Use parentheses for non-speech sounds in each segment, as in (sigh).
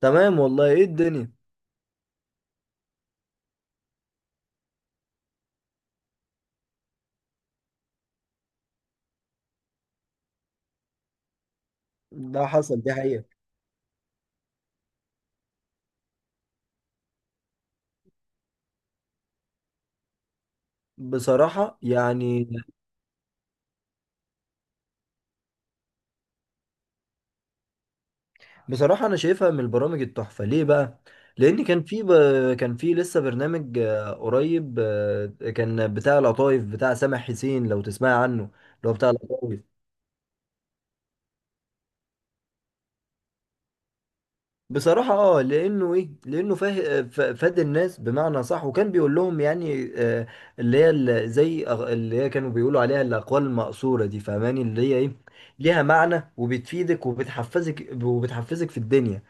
تمام والله. ايه الدنيا؟ ده حصل، دي حقيقة. بصراحة بصراحة أنا شايفها من البرامج التحفة. ليه بقى؟ لأن كان في لسه برنامج قريب، كان بتاع القطايف، بتاع سامح حسين، لو تسمع عنه، اللي هو بتاع القطايف. بصراحة اه، لأنه ايه لأنه فاه ف- فاد الناس بمعنى صح، وكان بيقول لهم اللي هي ال- زي أغ- اللي هي كانوا بيقولوا عليها الأقوال المأثورة دي، فاهماني؟ اللي هي ايه، ليها معنى وبتفيدك وبتحفزك في الدنيا.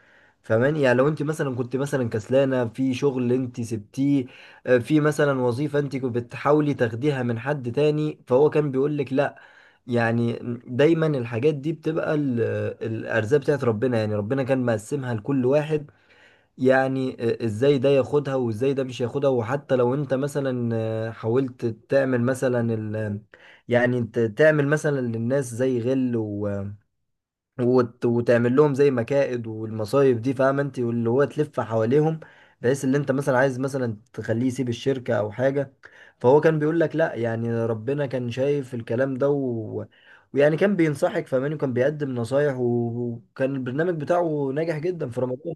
فاهماني؟ يعني لو انت كنت مثلا كسلانة في شغل انت سبتيه، في مثلا وظيفة انت كنت بتحاولي تاخديها من حد تاني، فهو كان بيقول لك لا. يعني دايما الحاجات دي بتبقى الارزاق بتاعت ربنا، يعني ربنا كان مقسمها لكل واحد. يعني ازاي ده ياخدها وازاي ده مش ياخدها. وحتى لو انت مثلا حاولت تعمل مثلا ال، يعني انت تعمل مثلا للناس زي غل وتعمل لهم زي مكائد والمصايب دي، فاهم انت؟ واللي هو تلف حواليهم، بحيث اللي انت مثلا عايز مثلا تخليه يسيب الشركة او حاجة، فهو كان بيقول لك لا. يعني ربنا كان شايف الكلام ده، ويعني كان بينصحك، فاهماني؟ وكان بيقدم نصايح، وكان البرنامج بتاعه ناجح جدا في رمضان.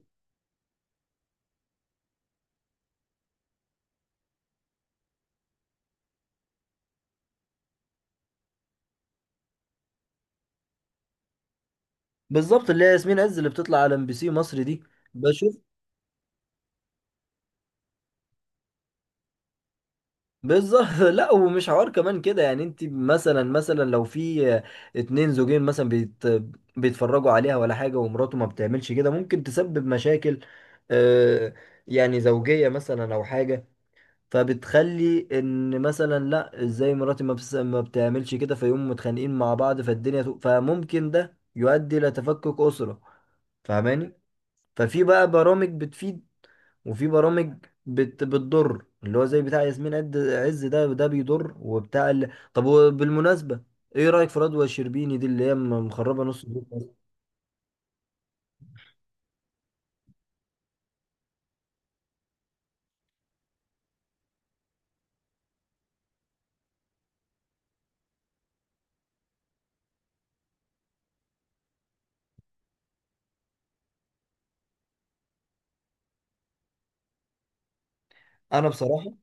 بالظبط، اللي هي ياسمين عز، اللي بتطلع على ام بي سي مصر دي. بالظبط (laughs) لا، ومش حوار كمان كده. يعني انت مثلا لو في اتنين زوجين مثلا، بيت بيتفرجوا عليها ولا حاجة، ومراته ما بتعملش كده، ممكن تسبب مشاكل، آه، يعني زوجية مثلا او حاجة. فبتخلي ان مثلا لا، ازاي مراتي ما بتعملش كده، فيقوموا متخانقين مع بعض، فالدنيا فممكن ده يؤدي الى تفكك أسرة. فاهماني؟ ففي بقى برامج بتفيد، وفي برامج بتضر، اللي هو زي بتاع ياسمين عز ده، بيضر، وبتاع طب، وبالمناسبة، ايه رأيك في رضوى الشربيني دي، اللي هي مخربة نص الدنيا أصلاً؟ انا بصراحة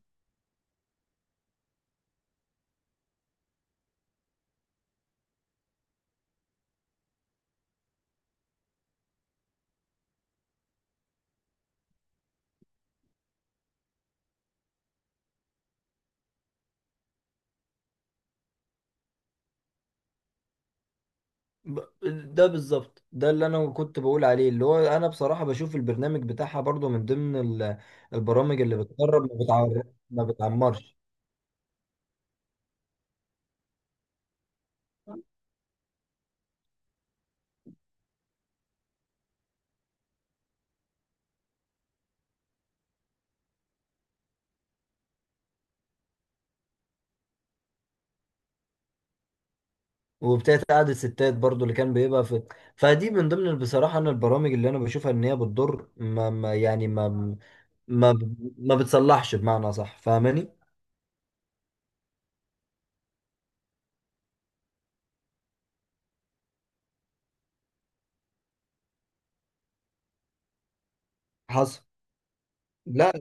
ب... ده بالظبط، ده اللي انا كنت بقول عليه. اللي هو انا بصراحة بشوف البرنامج بتاعها برضو من ضمن ال... البرامج اللي بتقرب ما بتعمر، ما بتعمرش. وبتاعت قعدة ستات برضو اللي كان بيبقى في. فدي من ضمن، بصراحة انا، البرامج اللي انا بشوفها ان هي بتضر، ما... ما يعني ما ما ب... ما بتصلحش بمعنى صح. فاهماني؟ حصل. لا.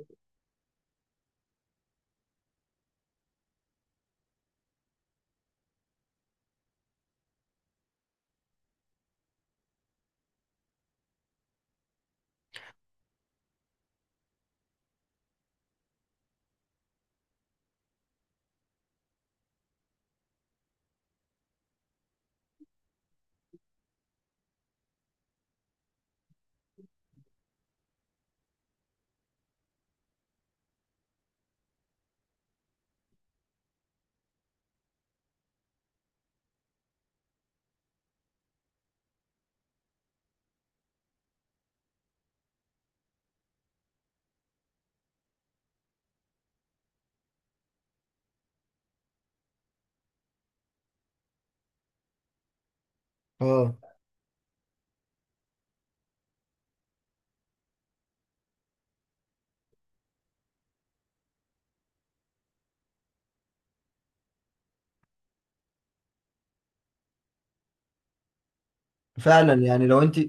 اه. فعلا يعني لو انت،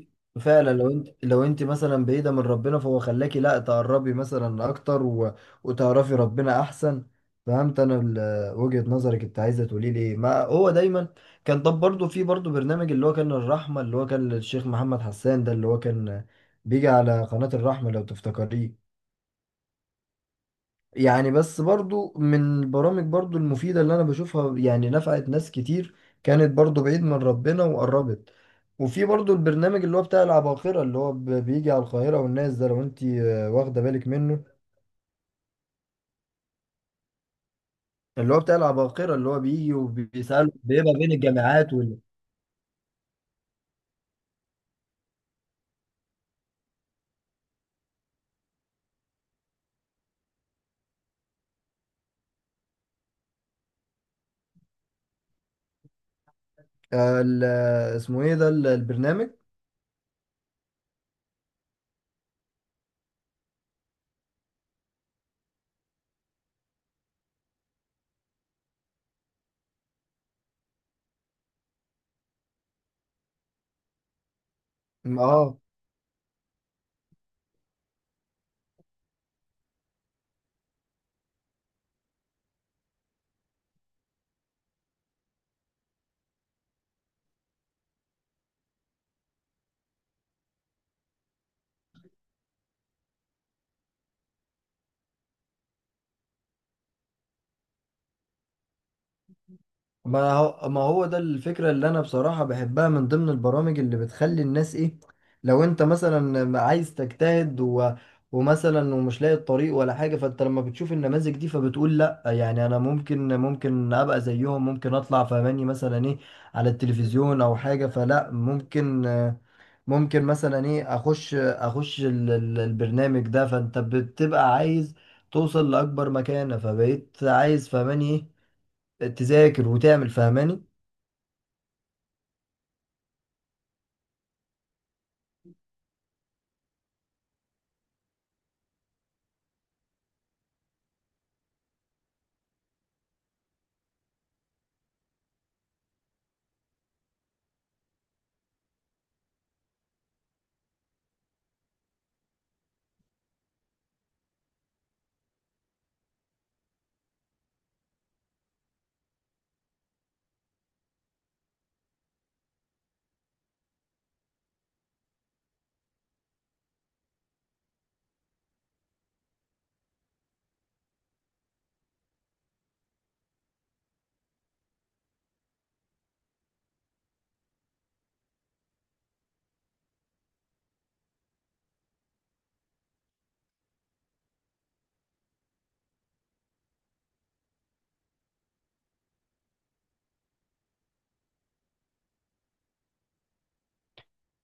فعلا لو انت مثلا بعيده من ربنا، فهو خلاكي لا تقربي مثلا اكتر، وتعرفي ربنا احسن. فهمت انا وجهه نظرك، انت عايزه تقولي لي إيه. ما هو دايما كان. طب برضه في برضه برنامج اللي هو كان الرحمه، اللي هو كان للشيخ محمد حسان ده، اللي هو كان بيجي على قناه الرحمه، لو تفتكريه. يعني بس برضو من البرامج برضو المفيدة اللي أنا بشوفها، يعني نفعت ناس كتير كانت برضو بعيد من ربنا وقربت. وفي برضو البرنامج اللي هو بتاع العباقرة، اللي هو بيجي على القاهرة والناس ده، لو أنت واخدة بالك منه، اللي هو بتاع العباقرة، اللي هو بيجي وبيسأله، بيبقى بين الجامعات وال، اسمه إيه ده البرنامج؟ آه. ما هو، ما هو ده الفكرة اللي أنا بصراحة بحبها، من ضمن البرامج اللي بتخلي الناس إيه، لو أنت مثلا عايز تجتهد ومثلا ومش لاقي الطريق ولا حاجة، فأنت لما بتشوف النماذج دي فبتقول لأ، يعني أنا ممكن أبقى زيهم، ممكن أطلع فماني مثلا إيه، على التلفزيون أو حاجة. فلأ، ممكن مثلا إيه أخش، البرنامج ده. فأنت بتبقى عايز توصل لأكبر مكانة، فبقيت عايز فماني إيه تذاكر وتعمل. فهماني؟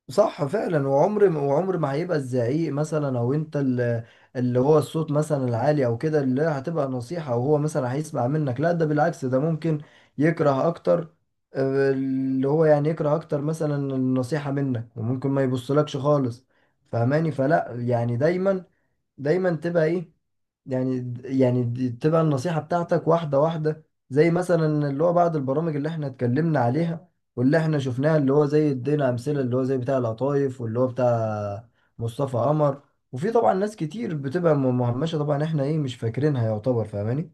صح فعلا. وعمر ما هيبقى الزعيق مثلا او انت اللي، اللي هو الصوت مثلا العالي او كده، اللي هتبقى نصيحة، او هو مثلا هيسمع منك. لا، ده بالعكس، ده ممكن يكره اكتر، اللي هو يعني يكره اكتر مثلا النصيحة منك، وممكن ما يبصلكش خالص. فهماني؟ فلا، يعني دايما تبقى ايه، يعني يعني دي تبقى النصيحة بتاعتك واحدة واحدة. زي مثلا اللي هو بعض البرامج اللي احنا اتكلمنا عليها واللي احنا شفناها، اللي هو زي ادينا أمثلة، اللي هو زي بتاع القطايف واللي هو بتاع مصطفى قمر. وفي طبعا ناس كتير بتبقى مهمشة طبعا، احنا ايه مش فاكرينها يعتبر. فاهماني؟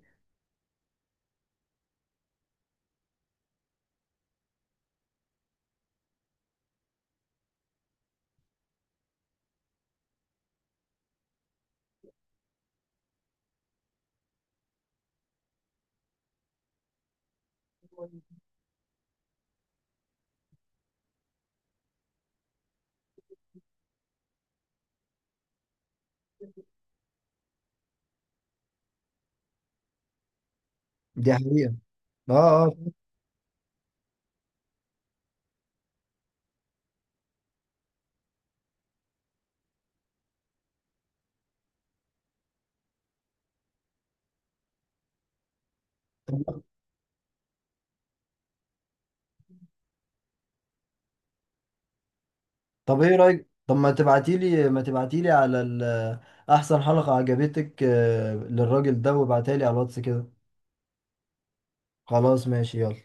دي حقيقة. اه. اه. آه. طب ايه رأيك، طب ما تبعتيلي ما تبعتيلي على احسن حلقة عجبتك، للراجل ده، وابعتها لي على الواتس كده. خلاص ماشي، يلا.